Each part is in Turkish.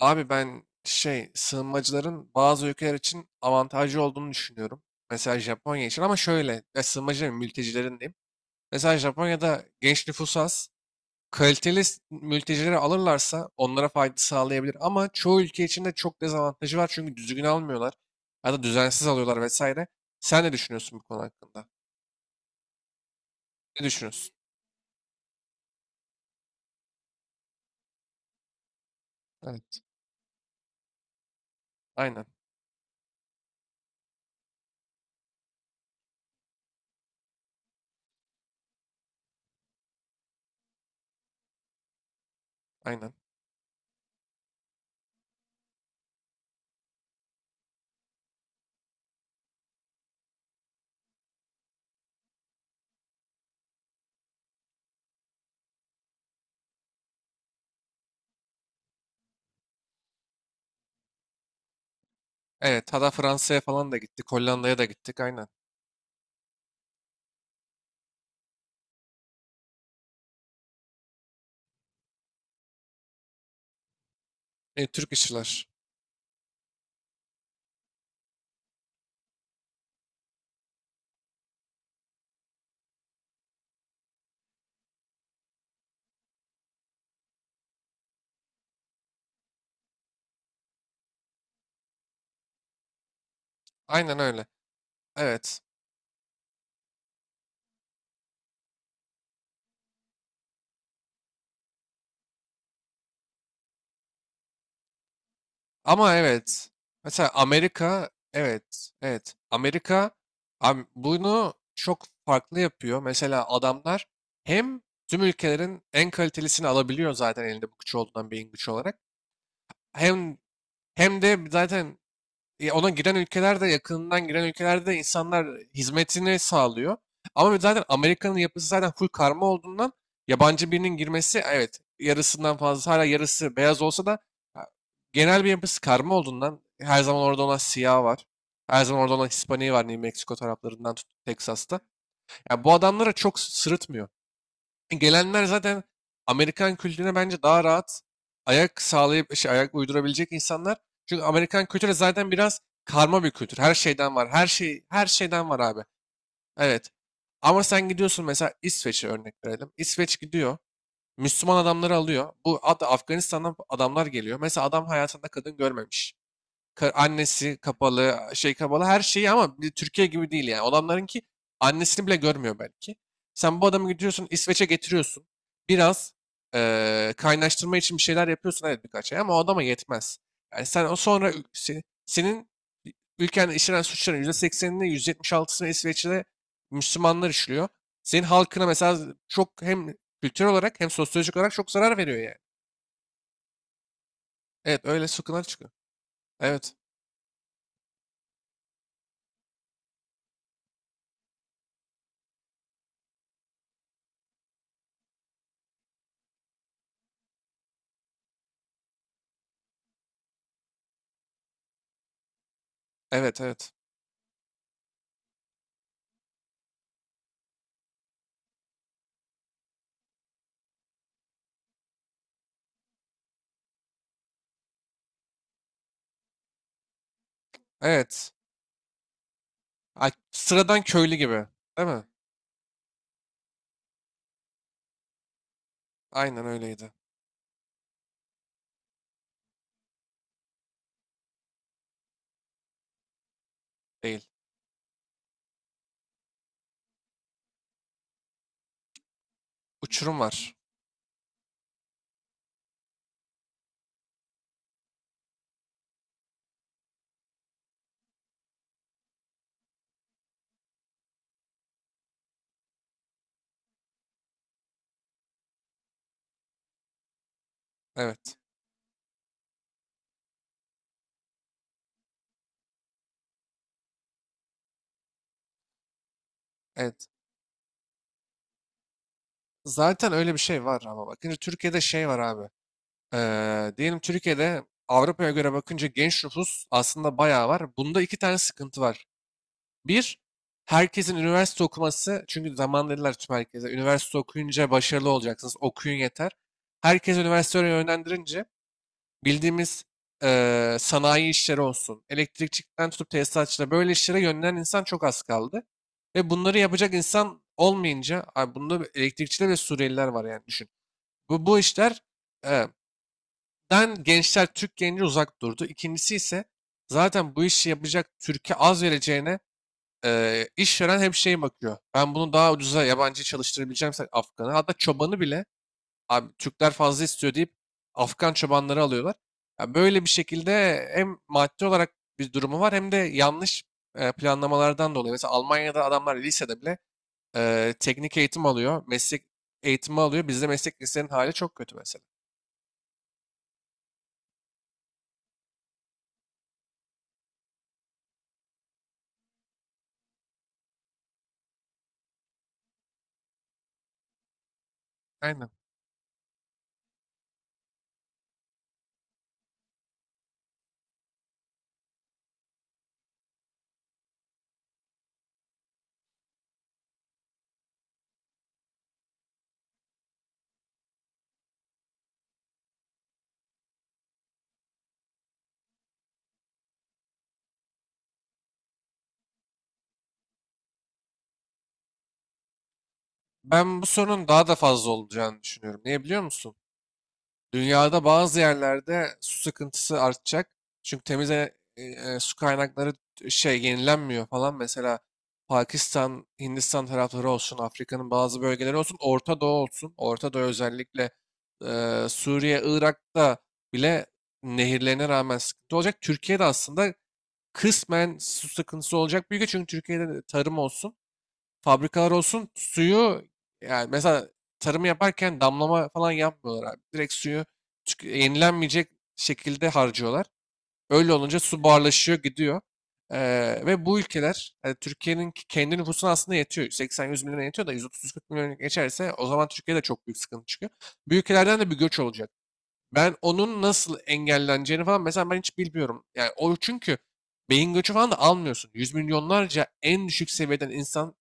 Abi ben sığınmacıların bazı ülkeler için avantajlı olduğunu düşünüyorum. Mesela Japonya için ama şöyle ya sığınmacıların mültecilerin diyeyim. Mesela Japonya'da genç nüfus az. Kaliteli mültecileri alırlarsa onlara fayda sağlayabilir. Ama çoğu ülke için de çok dezavantajı var çünkü düzgün almıyorlar. Ya da düzensiz alıyorlar vesaire. Sen ne düşünüyorsun bu konu hakkında? Ne düşünüyorsun? Evet. Aynen. Aynen. Evet. Hatta Fransa'ya falan da gittik. Hollanda'ya da gittik. Aynen. Türk işçiler. Aynen öyle. Evet. Ama evet. Mesela Amerika, evet, evet. Amerika bunu çok farklı yapıyor. Mesela adamlar hem tüm ülkelerin en kalitelisini alabiliyor zaten elinde bu güç olduğundan beyin güç olarak. Hem hem de zaten ona giren ülkelerde yakınından giren ülkelerde insanlar hizmetini sağlıyor. Ama zaten Amerika'nın yapısı zaten full karma olduğundan yabancı birinin girmesi evet yarısından fazla hala yarısı beyaz olsa da ha, genel bir yapısı karma olduğundan her zaman orada olan siyah var. Her zaman orada olan Hispaniği var New Mexico taraflarından tut Texas'ta. Yani bu adamlara çok sırıtmıyor. Gelenler zaten Amerikan kültürüne bence daha rahat ayak sağlayıp ayak uydurabilecek insanlar. Çünkü Amerikan kültürü zaten biraz karma bir kültür. Her şeyden var. Her şey her şeyden var abi. Evet. Ama sen gidiyorsun mesela İsveç'e örnek verelim. İsveç gidiyor. Müslüman adamları alıyor. Bu Afganistan'dan adamlar geliyor. Mesela adam hayatında kadın görmemiş. Annesi kapalı, kapalı her şeyi ama bir Türkiye gibi değil yani. Adamların ki annesini bile görmüyor belki. Sen bu adamı gidiyorsun İsveç'e getiriyorsun. Biraz kaynaştırma için bir şeyler yapıyorsun evet birkaç ay ama o adama yetmez. Yani sen o sonra senin ülkenin işlenen suçların %80'ini %76'sını İsveç'te Müslümanlar işliyor. Senin halkına mesela çok hem kültür olarak hem sosyolojik olarak çok zarar veriyor yani. Evet öyle sıkıntılar çıkıyor. Evet. Evet evet. Evet. Ay, sıradan köylü gibi. Değil mi? Aynen öyleydi. Değil. Uçurum var. Evet. Evet. Zaten öyle bir şey var ama bakınca Türkiye'de şey var abi. Diyelim Türkiye'de Avrupa'ya göre bakınca genç nüfus aslında bayağı var. Bunda iki tane sıkıntı var. Bir, herkesin üniversite okuması. Çünkü zaman dediler tüm herkese. Üniversite okuyunca başarılı olacaksınız. Okuyun yeter. Herkes üniversiteye yönlendirince bildiğimiz sanayi işleri olsun, elektrikçikten tutup tesisatçıda böyle işlere yönlenen insan çok az kaldı. Ve bunları yapacak insan olmayınca, abi bunda elektrikçiler ve Suriyeliler var yani düşün. Bu işler eee, den gençler, Türk genci uzak durdu. İkincisi ise zaten bu işi yapacak Türkiye az vereceğine işveren hep bakıyor. Ben bunu daha ucuza yabancı çalıştırabileceğimse Afgan'ı, hatta çobanı bile Abi Türkler fazla istiyor deyip Afgan çobanları alıyorlar. Ya böyle bir şekilde hem maddi olarak bir durumu var hem de yanlış planlamalardan dolayı. Mesela Almanya'da adamlar lisede bile teknik eğitim alıyor, meslek eğitimi alıyor. Bizde meslek lisenin hali çok kötü mesela. Aynen. Ben bu sorunun daha da fazla olacağını düşünüyorum. Niye biliyor musun? Dünyada bazı yerlerde su sıkıntısı artacak. Çünkü temiz su kaynakları yenilenmiyor falan. Mesela Pakistan, Hindistan tarafları olsun, Afrika'nın bazı bölgeleri olsun, Orta Doğu olsun. Orta Doğu özellikle Suriye, Irak'ta bile nehirlerine rağmen sıkıntı olacak. Türkiye'de aslında kısmen su sıkıntısı olacak büyük çünkü Türkiye'de de tarım olsun fabrikalar olsun suyu yani mesela tarımı yaparken damlama falan yapmıyorlar abi. Direkt suyu yenilenmeyecek şekilde harcıyorlar. Öyle olunca su buharlaşıyor gidiyor. Ve bu ülkeler yani Türkiye'nin kendi nüfusuna aslında yetiyor. 80-100 milyona yetiyor da 130-140 milyona geçerse o zaman Türkiye'de çok büyük sıkıntı çıkıyor. Bu ülkelerden de bir göç olacak. Ben onun nasıl engelleneceğini falan mesela ben hiç bilmiyorum. Yani o çünkü beyin göçü falan da almıyorsun. Yüz milyonlarca en düşük seviyeden insan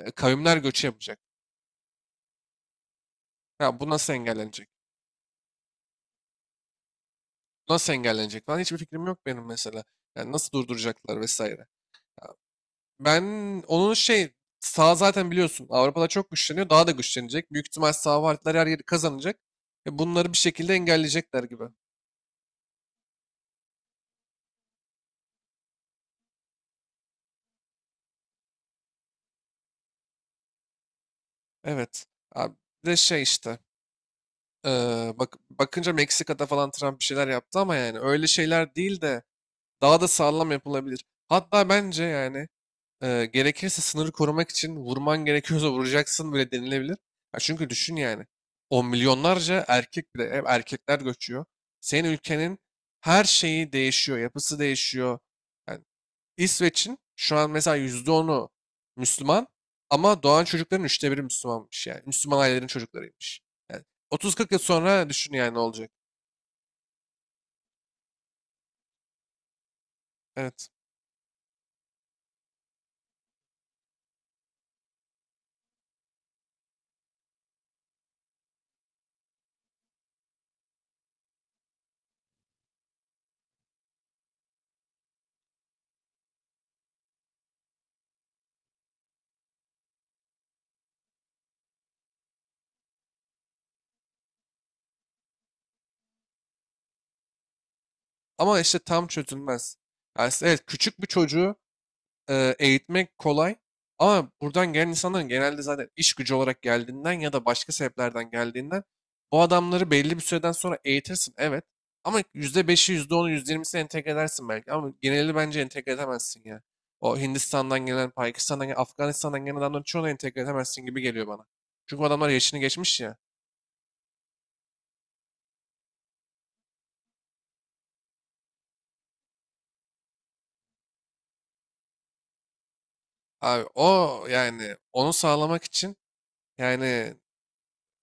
kavimler göçü yapacak. Ya bu nasıl engellenecek? Bu nasıl engellenecek falan hiçbir fikrim yok benim mesela. Yani nasıl durduracaklar vesaire. Ben onun sağ zaten biliyorsun Avrupa'da çok güçleniyor. Daha da güçlenecek. Büyük ihtimal sağ partiler her yeri kazanacak. Bunları bir şekilde engelleyecekler gibi. Evet. Abi, bir de şey işte. e, Bakınca Meksika'da falan Trump bir şeyler yaptı ama yani öyle şeyler değil de daha da sağlam yapılabilir. Hatta bence yani Gerekirse sınırı korumak için vurman gerekiyorsa vuracaksın bile denilebilir. Ya çünkü düşün yani. On milyonlarca erkek bile hep erkekler göçüyor. Senin ülkenin her şeyi değişiyor, yapısı değişiyor. Yani İsveç'in şu an mesela %10'u Müslüman ama doğan çocukların üçte biri Müslümanmış yani. Müslüman ailelerin çocuklarıymış. Yani 30-40 yıl sonra düşün yani ne olacak. Evet. Ama işte tam çözülmez. Yani evet küçük bir çocuğu eğitmek kolay. Ama buradan gelen insanların genelde zaten iş gücü olarak geldiğinden ya da başka sebeplerden geldiğinden bu adamları belli bir süreden sonra eğitirsin evet. Ama yüzde yüzde beşi yüzde onu yüzde %20'sini entegre edersin belki. Ama geneli bence entegre edemezsin ya. O Hindistan'dan gelen, Pakistan'dan gelen, Afganistan'dan gelen adamların çoğunu entegre edemezsin gibi geliyor bana. Çünkü bu adamlar yaşını geçmiş ya. Abi o yani onu sağlamak için yani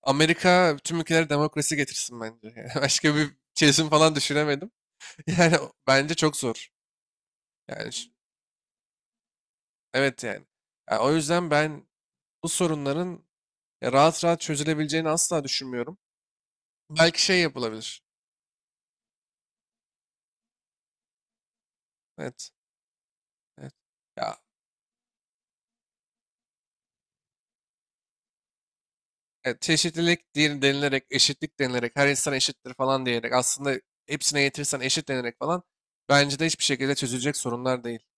Amerika tüm ülkelere demokrasi getirsin bence. Yani başka bir çözüm falan düşünemedim. Yani bence çok zor. Yani evet yani. Yani o yüzden ben bu sorunların ya rahat rahat çözülebileceğini asla düşünmüyorum. Belki şey yapılabilir. Evet. Evet. Ya çeşitlilik diye denilerek, eşitlik denilerek, her insan eşittir falan diyerek aslında hepsine yetirsen eşit denilerek falan bence de hiçbir şekilde çözülecek sorunlar değil.